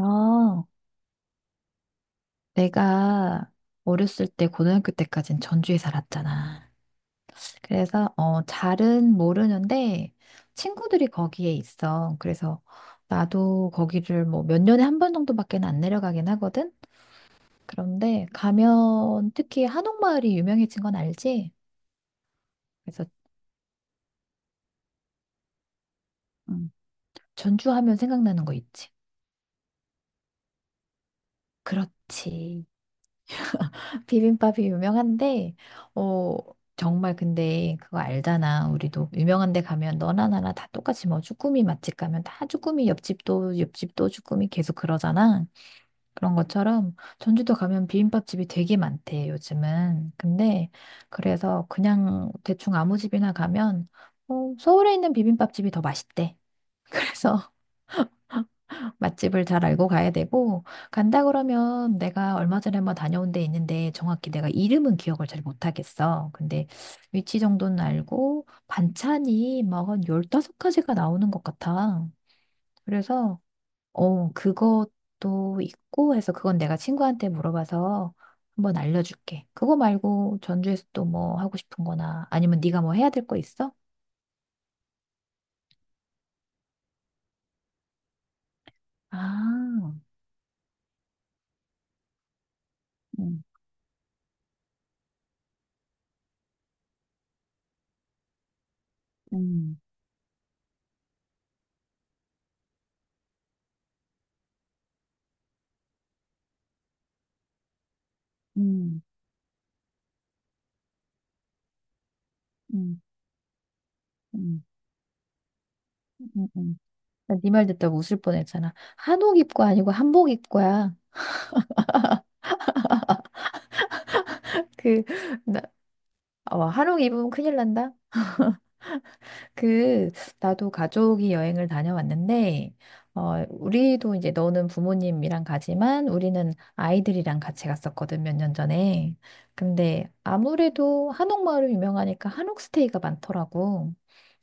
어, 내가 어렸을 때 고등학교 때까진 전주에 살았잖아. 그래서 잘은 모르는데 친구들이 거기에 있어. 그래서 나도 거기를 뭐 몇 년에 한 번 정도밖에 안 내려가긴 하거든. 그런데 가면 특히 한옥마을이 유명해진 건 알지? 그래서 음. 전주 하면 생각나는 거 있지. 그렇지. 비빔밥이 유명한데, 어, 정말 근데 그거 알잖아. 우리도 유명한 데 가면 너나 나나 다 똑같이 뭐 쭈꾸미 맛집 가면 다 쭈꾸미 옆집도 쭈꾸미 계속 그러잖아. 그런 것처럼 전주도 가면 비빔밥집이 되게 많대, 요즘은. 근데 그래서 그냥 대충 아무 집이나 가면 서울에 있는 비빔밥집이 더 맛있대. 그래서 맛집을 잘 알고 가야 되고, 간다 그러면 내가 얼마 전에 한번 다녀온 데 있는데 정확히 내가 이름은 기억을 잘 못하겠어. 근데 위치 정도는 알고, 반찬이 막 한 15가지가 나오는 것 같아. 그래서, 그것도 있고 해서 그건 내가 친구한테 물어봐서 한번 알려줄게. 그거 말고 전주에서 또 뭐 하고 싶은 거나 아니면 네가 뭐 해야 될 거 있어? 아, 음, 음, 음, 음, 음, 음, 음. 네 말 듣다 가 웃을 뻔했잖아. 한옥 입고 아니고 한복 입고야. 그, 나, 한옥 입으면 큰일 난다. 그, 나도 가족이 여행을 다녀왔는데, 우리도 이제 너는 부모님이랑 가지만 우리는 아이들이랑 같이 갔었거든, 몇 년 전에. 근데 아무래도 한옥마을이 유명하니까 한옥 스테이가 많더라고.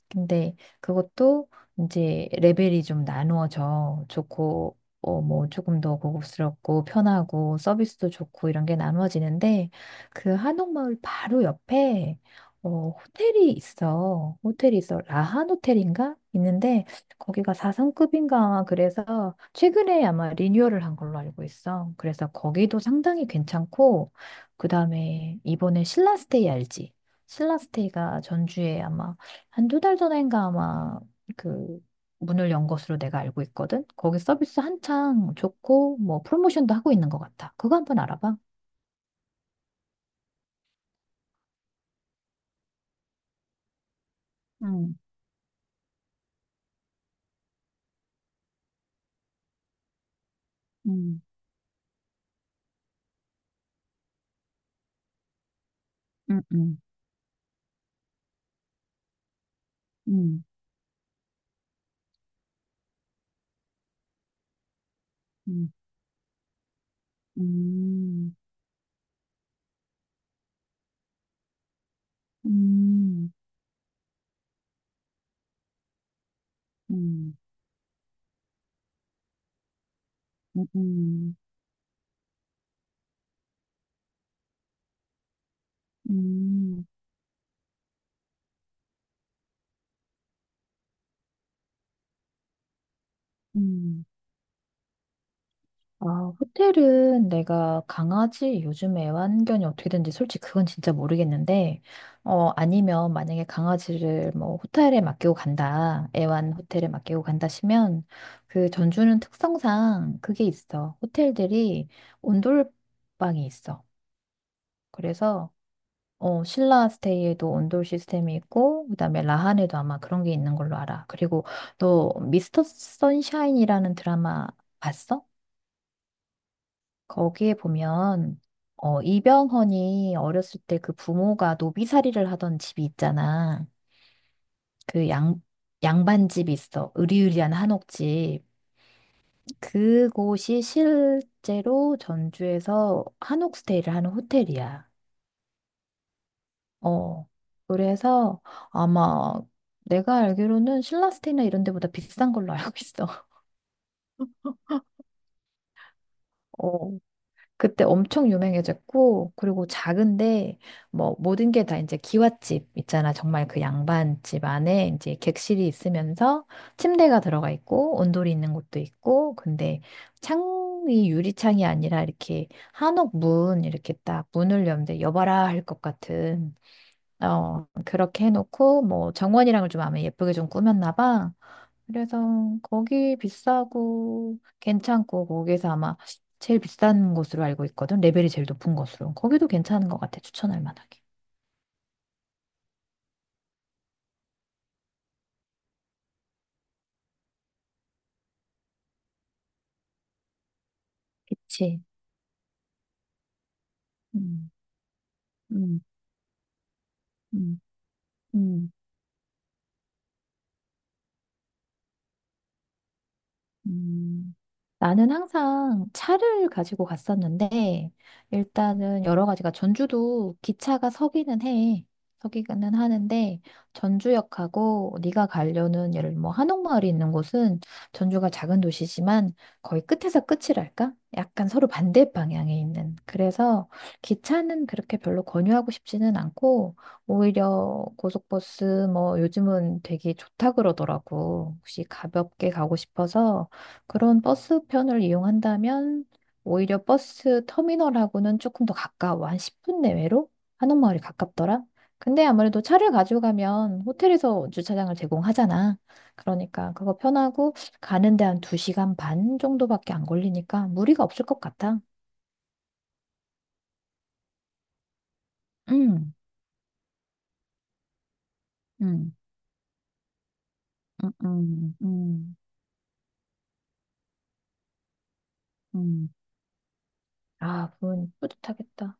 근데 그것도 이제 레벨이 좀 나누어져 좋고 뭐 조금 더 고급스럽고 편하고 서비스도 좋고 이런 게 나누어지는데 그 한옥마을 바로 옆에 호텔이 있어. 라한 호텔인가? 있는데 거기가 4성급인가 그래서 최근에 아마 리뉴얼을 한 걸로 알고 있어. 그래서 거기도 상당히 괜찮고 그다음에 이번에 신라스테이 알지? 신라스테이가 전주에 아마 한 2달 전인가 아마 그 문을 연 것으로 내가 알고 있거든. 거기 서비스 한창 좋고 뭐 프로모션도 하고 있는 것 같아. 그거 한번 알아봐. 음, 음, 음, 음, 음, 음, 음, 음, 음, 음, 음, 음, 음. 아, 호텔은 내가 강아지 요즘 애완견이 어떻게 되는지 솔직히 그건 진짜 모르겠는데, 아니면 만약에 강아지를 뭐 호텔에 맡기고 간다, 애완 호텔에 맡기고 간다 시면, 그 전주는 특성상 그게 있어. 호텔들이 온돌방이 있어. 그래서, 신라 스테이에도 온돌 시스템이 있고, 그다음에 라한에도 아마 그런 게 있는 걸로 알아. 그리고 너 미스터 선샤인이라는 드라마 봤어? 거기에 보면 이병헌이 어렸을 때 그 부모가 노비살이를 하던 집이 있잖아. 그 양, 양반집이 있어. 으리으리한 한옥집. 그곳이 실제로 전주에서 한옥 스테이를 하는 호텔이야. 어. 그래서 아마 내가 알기로는 신라스테이나 이런 데보다 비싼 걸로 알고 있어. 어. 그때 엄청 유명해졌고, 그리고 작은데, 뭐, 모든 게 다 이제 기와집 있잖아. 정말 그 양반집 안에 이제 객실이 있으면서 침대가 들어가 있고, 온돌이 있는 곳도 있고, 근데 창이 유리창이 아니라 이렇게 한옥 문, 이렇게 딱 문을 열는데 여봐라 할 것 같은, 그렇게 해놓고, 뭐, 정원이랑을 좀 아마 예쁘게 좀 꾸몄나 봐. 그래서 거기 비싸고 괜찮고 거기서 아마 제일 비싼 곳으로 알고 있거든. 레벨이 제일 높은 곳으로. 거기도 괜찮은 것 같아. 추천할 만하게. 그치. 음. 음, 음, 음. 음, 나는 항상 차를 가지고 갔었는데, 일단은 여러 가지가, 전주도 기차가 서기는 해. 서기는 하는데, 전주역하고 네가 가려는 예를 뭐 한옥마을이 있는 곳은 전주가 작은 도시지만 거의 끝에서 끝이랄까? 약간 서로 반대 방향에 있는. 그래서 기차는 그렇게 별로 권유하고 싶지는 않고, 오히려 고속버스 뭐 요즘은 되게 좋다 그러더라고. 혹시 가볍게 가고 싶어서 그런 버스편을 이용한다면 오히려 버스 터미널하고는 조금 더 가까워. 한 10분 내외로 한옥마을이 가깝더라. 근데 아무래도 차를 가지고 가면 호텔에서 주차장을 제공하잖아. 그러니까 그거 편하고 가는데 한 2시간 반 정도밖에 안 걸리니까 무리가 없을 것 같아. 음, 음, 음, 음, 음, 음, 아, 그건 뿌듯하겠다.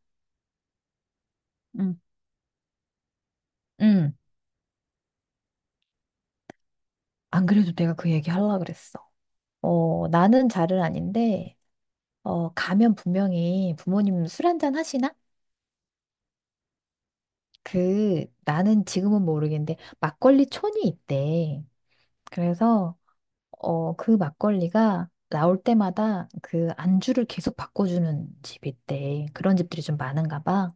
음. 음. 안 그래도 내가 그 얘기 하려고 그랬어. 나는 잘은 아닌데 가면 분명히 부모님 술 한잔 하시나? 그, 나는 지금은 모르겠는데, 막걸리 촌이 있대. 그래서, 그 막걸리가 나올 때마다 그 안주를 계속 바꿔주는 집이 있대. 그런 집들이 좀 많은가 봐.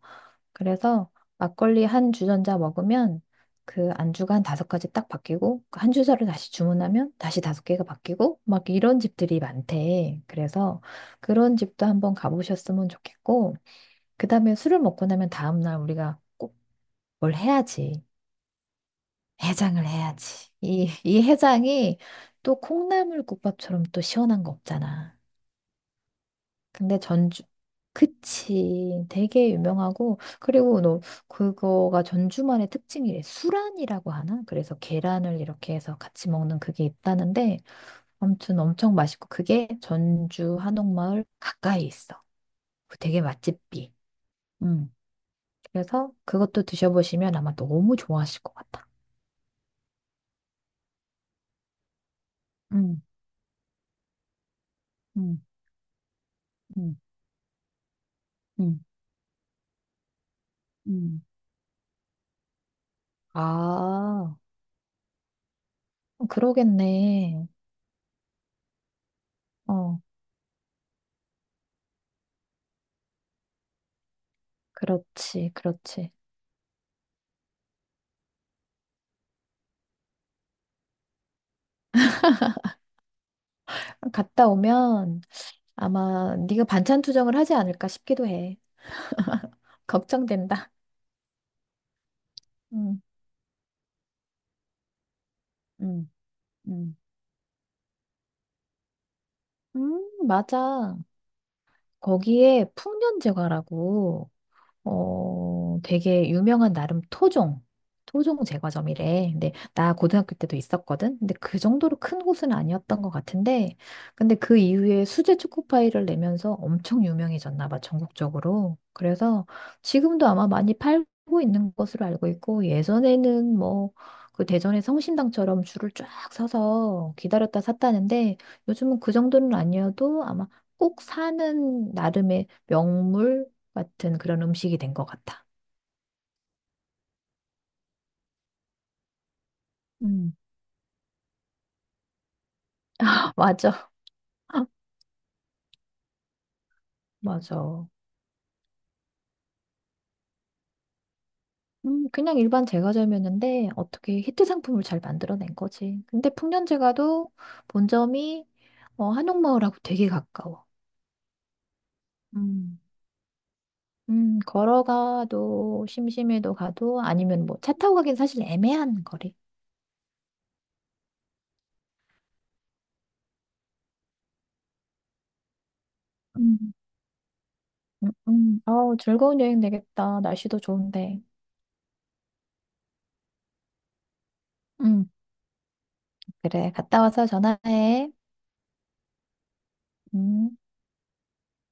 그래서 막걸리 한 주전자 먹으면 그 안주가 한 5가지 딱 바뀌고, 그한 주자를 다시 주문하면 다시 다섯 개가 바뀌고, 막 이런 집들이 많대. 그래서 그런 집도 한번 가보셨으면 좋겠고, 그 다음에 술을 먹고 나면 다음날 우리가 꼭 뭘 해야지. 해장을 해야지. 이 해장이 또 콩나물국밥처럼 또 시원한 거 없잖아. 근데 전주, 그치. 되게 유명하고, 그리고 너, 그거가 전주만의 특징이래. 수란이라고 하나? 그래서 계란을 이렇게 해서 같이 먹는 그게 있다는데, 아무튼 엄청 맛있고, 그게 전주 한옥마을 가까이 있어. 되게 맛집이. 음. 그래서 그것도 드셔보시면 아마 너무 좋아하실 것 같아. 음, 음, 음, 음, 음. 아, 어, 그러겠네. 어, 그렇지, 그렇지. 갔다 오면 아마 네가 반찬 투정을 하지 않을까 싶기도 해. 걱정된다. 음, 음, 음. 맞아. 거기에 풍년제과라고 되게 유명한 나름 토종 제과점이래. 근데 나 고등학교 때도 있었거든. 근데 그 정도로 큰 곳은 아니었던 것 같은데, 근데 그 이후에 수제 초코파이를 내면서 엄청 유명해졌나 봐, 전국적으로. 그래서 지금도 아마 많이 팔고 있는 것으로 알고 있고, 예전에는 뭐, 그 대전의 성심당처럼 줄을 쫙 서서 기다렸다 샀다는데, 요즘은 그 정도는 아니어도 아마 꼭 사는 나름의 명물, 같은 그런 음식이 된 것 같아. 음. 맞아. 맞아. 그냥 일반 제과점이었는데 어떻게 히트 상품을 잘 만들어낸 거지. 근데 풍년제과도 본점이 한옥마을하고 되게 가까워. 음. 걸어가도 심심해도 가도 아니면 뭐 차 타고 가긴 사실 애매한 거리. 음. 어우, 즐거운 여행 되겠다. 날씨도 좋은데. 음, 그래. 갔다 와서 전화해. 음.